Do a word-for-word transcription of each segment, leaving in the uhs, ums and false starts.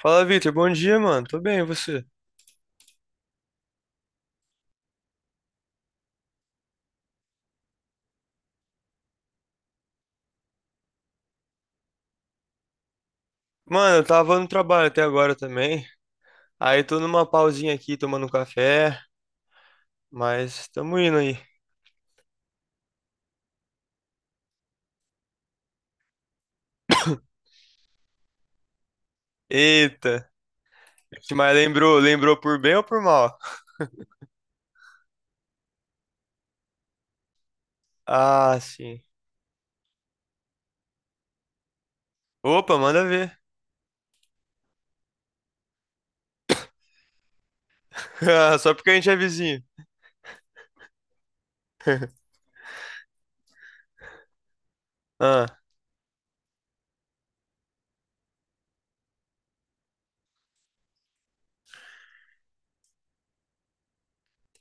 Fala, Vitor. Bom dia, mano. Tô bem, e você? Mano, eu tava no trabalho até agora também. Aí tô numa pausinha aqui, tomando um café, mas tamo indo aí. Eita. Mas lembrou, lembrou por bem ou por mal? Ah, sim. Opa, manda ver. Ah, só porque a gente é vizinho. Ah,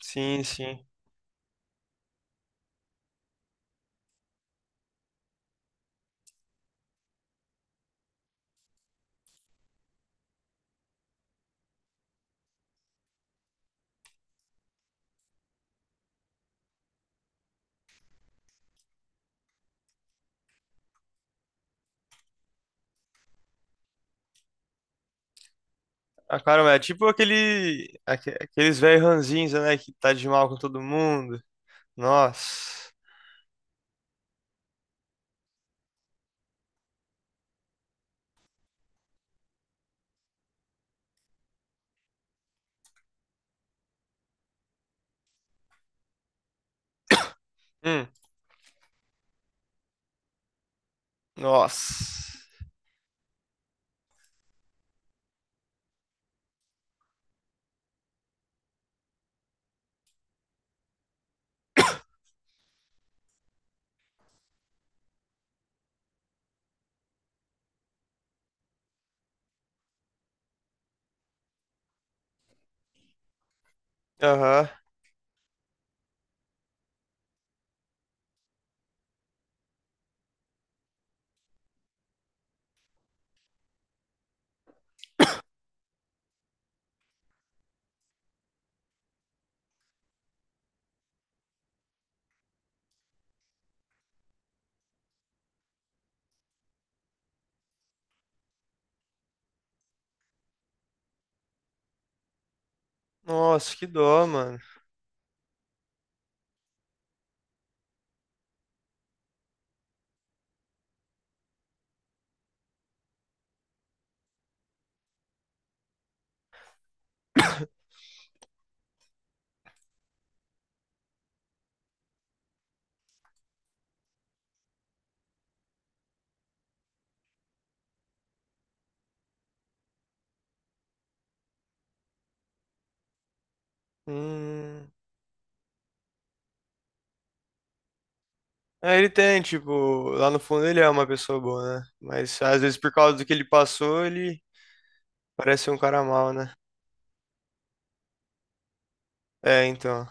sim, sim. Ah, cara, é tipo aquele, aque- aqueles velhos ranzinza, né, que tá de mal com todo mundo. Nossa. Hum, nossa. Aham. Nossa, que dó, mano. Hum. É, ele tem, tipo, lá no fundo ele é uma pessoa boa, né? Mas às vezes por causa do que ele passou, ele parece um cara mal, né? É, então.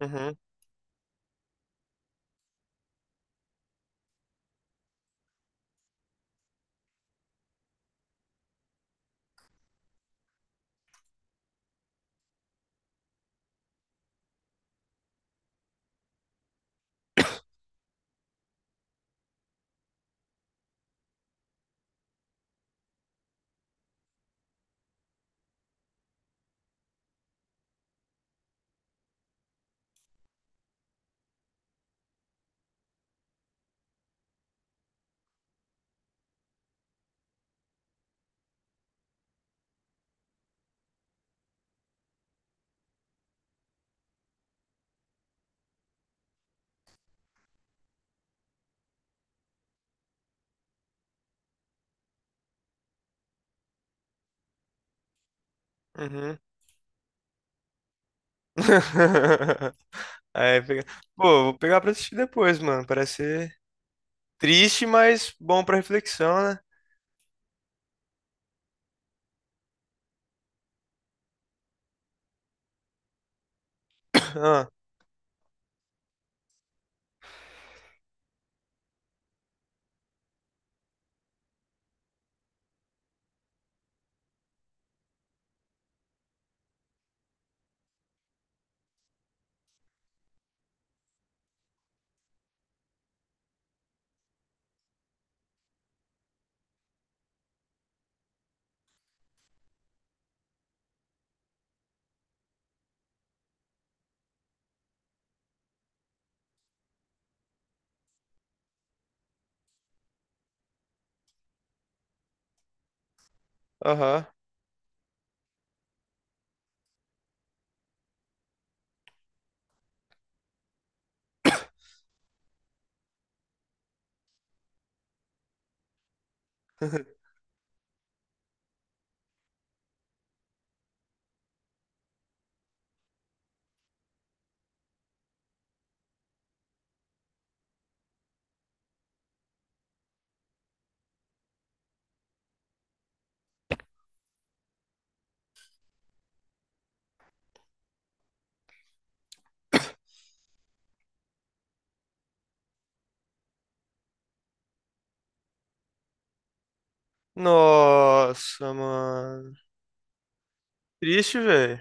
Uhum, uhum. Aí, pega... Pô, vou pegar pra assistir depois, mano. Parece ser triste, mas bom pra reflexão, né? Ah, aham. Nossa, mano. Triste, velho.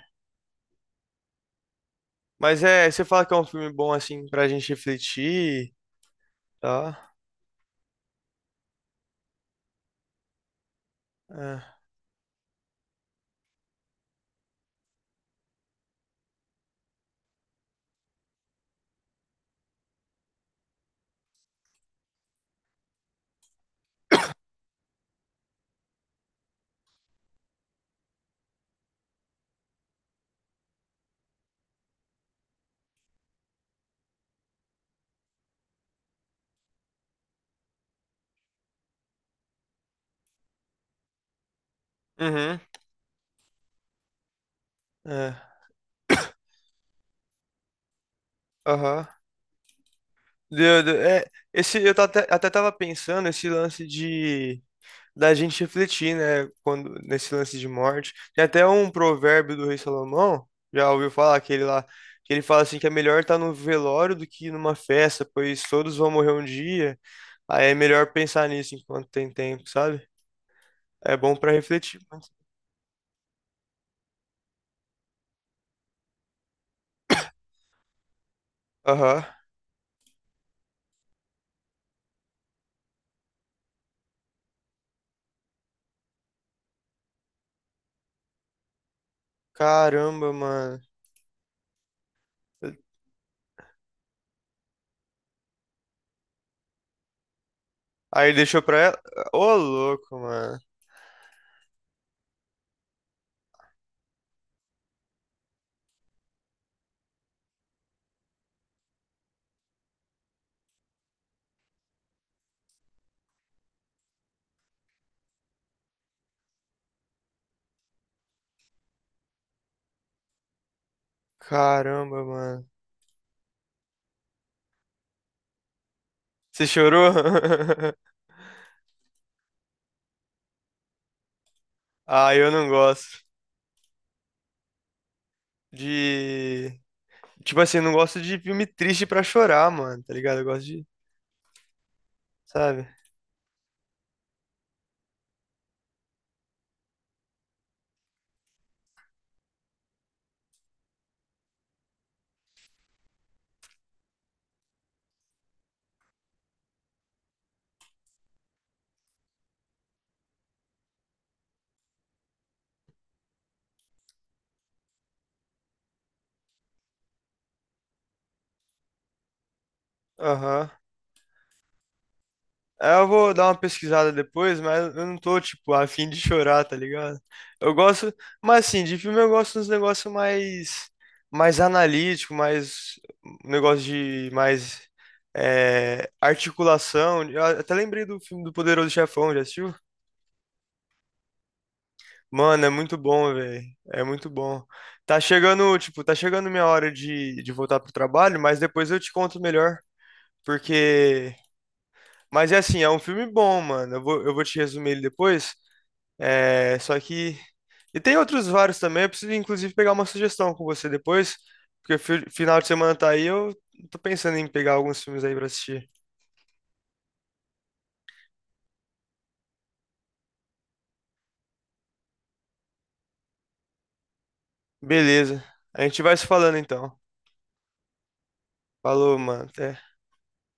Mas é, você fala que é um filme bom, assim, pra gente refletir, tá? É. Uhum, é. Aham. Deu, deu. É, esse, eu tô até, até tava pensando esse lance de da gente refletir, né, quando nesse lance de morte. Tem até um provérbio do rei Salomão, já ouviu falar aquele lá, que ele fala assim que é melhor estar no velório do que numa festa, pois todos vão morrer um dia. Aí é melhor pensar nisso enquanto tem tempo, sabe? É bom pra refletir. Muito. Aham. Caramba, mano. Aí deixou pra ela. Ô, louco, mano. Caramba, mano. Você chorou? Ah, eu não gosto de. Tipo assim, eu não gosto de filme triste pra chorar, mano, tá ligado? Eu gosto de. Sabe? Aham. Aí eu vou dar uma pesquisada depois, mas eu não tô, tipo, a fim de chorar, tá ligado? Eu gosto. Mas assim, de filme eu gosto dos negócios mais. Mais analítico, mais. Um negócio de. Mais. É, articulação. Eu até lembrei do filme do Poderoso Chefão, já assistiu? Mano, é muito bom, velho. É muito bom. Tá chegando, tipo, tá chegando minha hora de, de voltar pro trabalho, mas depois eu te conto melhor. Porque. Mas é assim, é um filme bom, mano. Eu vou, eu vou te resumir ele depois. É, só que. E tem outros vários também. Eu preciso, inclusive, pegar uma sugestão com você depois. Porque fi- final de semana tá aí, eu tô pensando em pegar alguns filmes aí pra assistir. Beleza. A gente vai se falando então. Falou, mano. Até.